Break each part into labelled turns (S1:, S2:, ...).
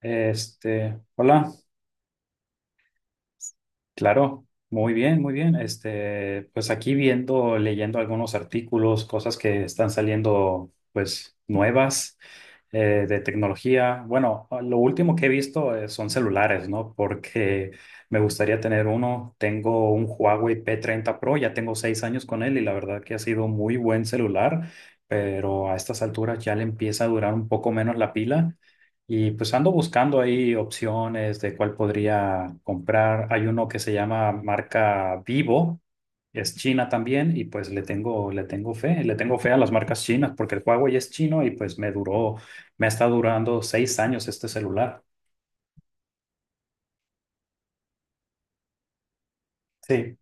S1: Hola, claro, muy bien, muy bien. Pues aquí viendo, leyendo algunos artículos, cosas que están saliendo, pues nuevas de tecnología. Bueno, lo último que he visto son celulares, ¿no? Porque me gustaría tener uno. Tengo un Huawei P30 Pro, ya tengo 6 años con él y la verdad que ha sido muy buen celular, pero a estas alturas ya le empieza a durar un poco menos la pila. Y pues ando buscando ahí opciones de cuál podría comprar. Hay uno que se llama marca Vivo, es china también y pues le tengo fe a las marcas chinas porque el Huawei es chino y pues me duró, me está durando 6 años este celular. Sí,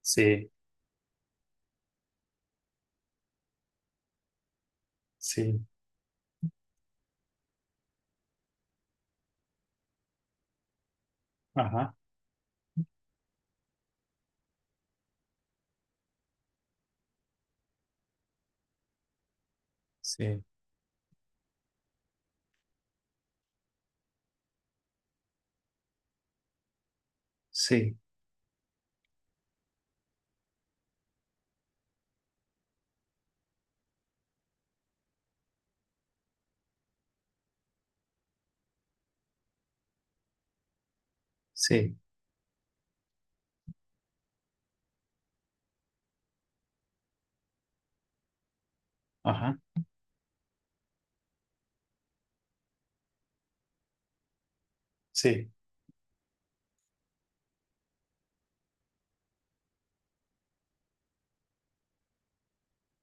S1: sí, sí, ajá, sí, sí, sí, ajá, sí.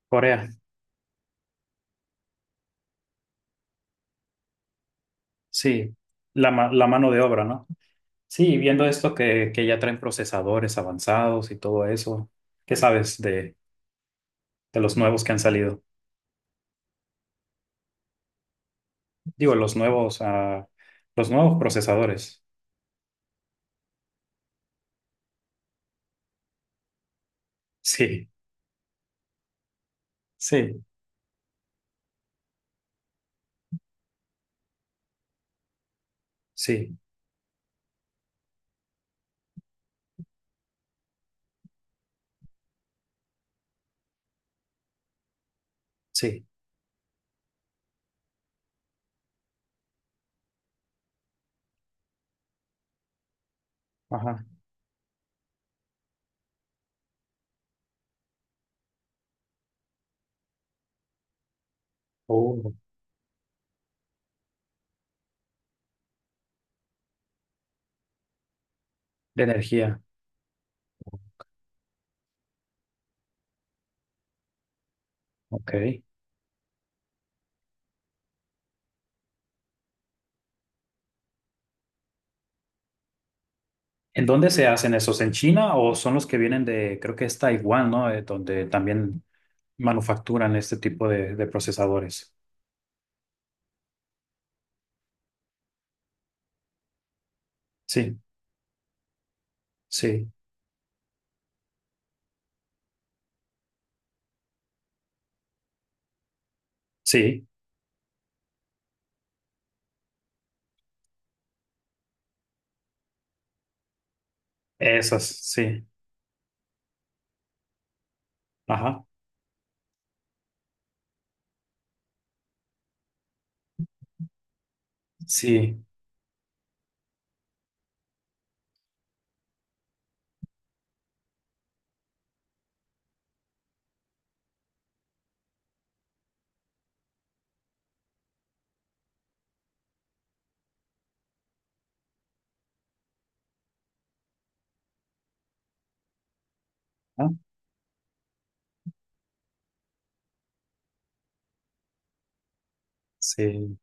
S1: Corea, sí, la mano de obra, ¿no? Sí, viendo esto que ya traen procesadores avanzados y todo eso, ¿qué sabes de, los nuevos que han salido? Digo, los nuevos procesadores. Sí, sí, sí, sí. Ajá. Oh, de energía. Ok. ¿En dónde se hacen esos? ¿En China o son los que vienen de, creo que es Taiwán, ¿no? Donde también manufacturan este tipo de procesadores. Sí, sí, sí. Esas, sí. Ajá. Sí. Ah, sí.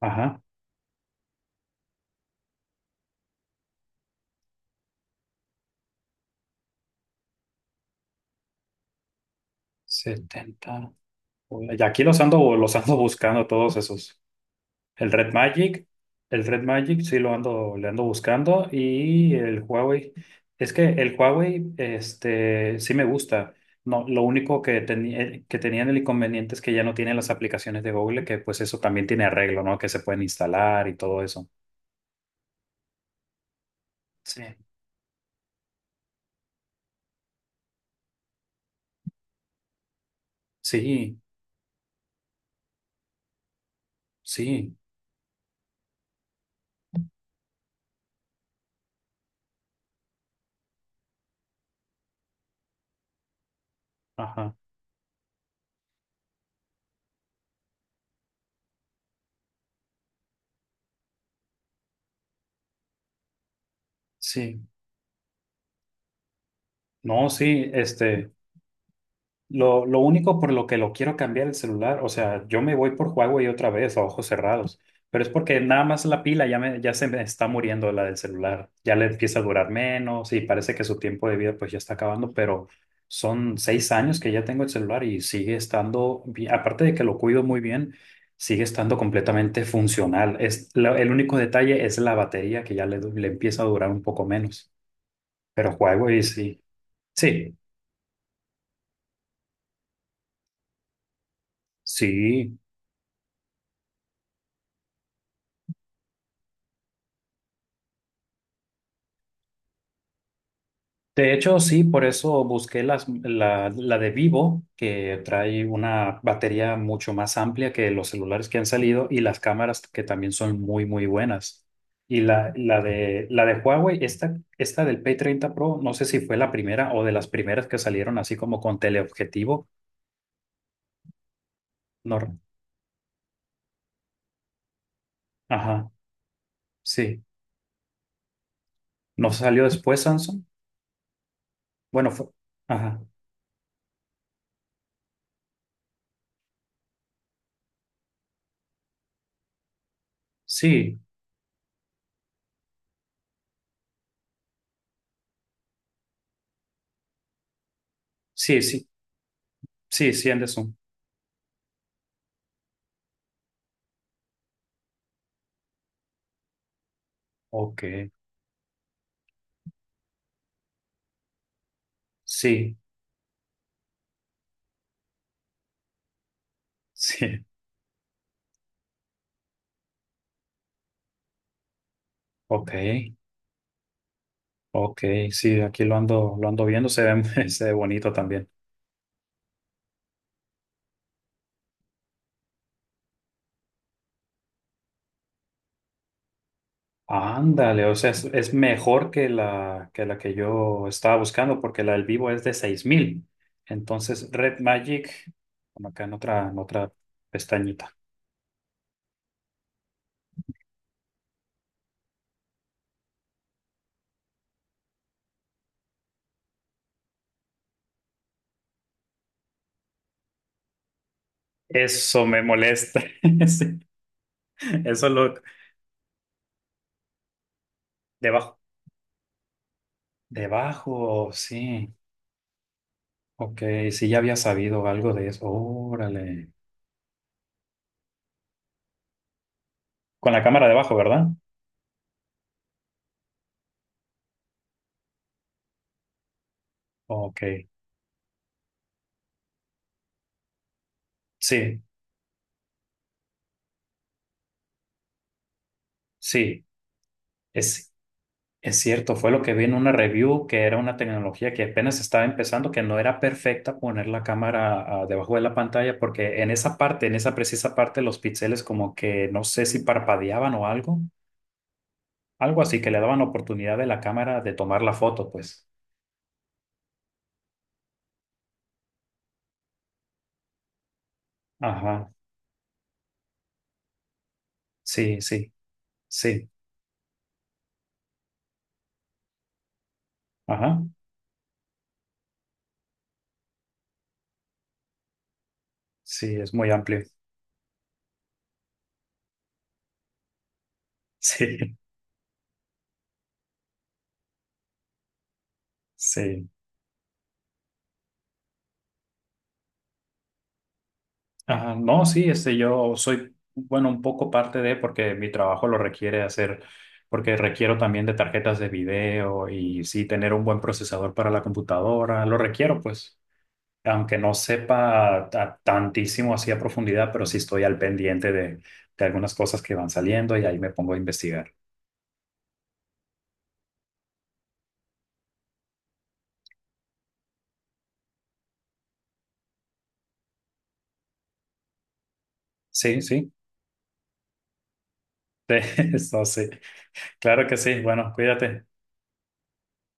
S1: Ajá, 70. Y aquí los ando buscando todos esos. El Red Magic, el Red Magic sí lo ando, le ando buscando y el Huawei. Es que el Huawei, sí me gusta. No, lo único que, tenía que tenían el inconveniente es que ya no tienen las aplicaciones de Google, que pues eso también tiene arreglo, ¿no? Que se pueden instalar y todo eso. Sí, sí, sí, ajá, sí. No, sí. Lo único por lo que lo quiero cambiar el celular, o sea, yo me voy por Huawei otra vez a ojos cerrados, pero es porque nada más la pila ya, ya se me está muriendo la del celular, ya le empieza a durar menos y parece que su tiempo de vida pues ya está acabando, pero son 6 años que ya tengo el celular y sigue estando, aparte de que lo cuido muy bien, sigue estando completamente funcional. El único detalle es la batería que ya le empieza a durar un poco menos, pero Huawei sí, sí, sí. De hecho, sí, por eso busqué la de Vivo, que trae una batería mucho más amplia que los celulares que han salido y las cámaras que también son muy, muy buenas. Y la de Huawei, esta del P30 Pro, no sé si fue la primera o de las primeras que salieron así como con teleobjetivo. No, ajá, sí. ¿No salió después Samsung? Bueno, fue, ajá, sí, sí, sí, sí, sí, Anderson. Ok, sí, sí, ok. Ok, sí, aquí lo ando viendo, se ve, se ve bonito también. Ándale, o sea, es mejor que la, que yo estaba buscando, porque la del vivo es de 6.000. Entonces, Red Magic, como acá en otra pestañita. Eso me molesta. Sí, eso lo, debajo. Debajo, sí. Ok, sí, ya había sabido algo de eso. Órale. Con la cámara debajo, ¿verdad? Ok, sí, sí. Es Es cierto, fue lo que vi en una review, que era una tecnología que apenas estaba empezando, que no era perfecta poner la cámara ah, debajo de la pantalla, porque en esa parte, en esa precisa parte, los píxeles como que no sé si parpadeaban o algo, algo así, que le daban oportunidad de la cámara de tomar la foto, pues. Ajá, sí, sí, sí, ajá, sí, es muy amplio. Sí, sí. Ajá, no, sí, yo soy, bueno, un poco parte de, porque mi trabajo lo requiere hacer, porque requiero también de tarjetas de video y sí, tener un buen procesador para la computadora, lo requiero, pues, aunque no sepa tantísimo así a profundidad, pero sí estoy al pendiente de, algunas cosas que van saliendo y ahí me pongo a investigar. Sí, sí, eso sí, claro que sí, bueno, cuídate.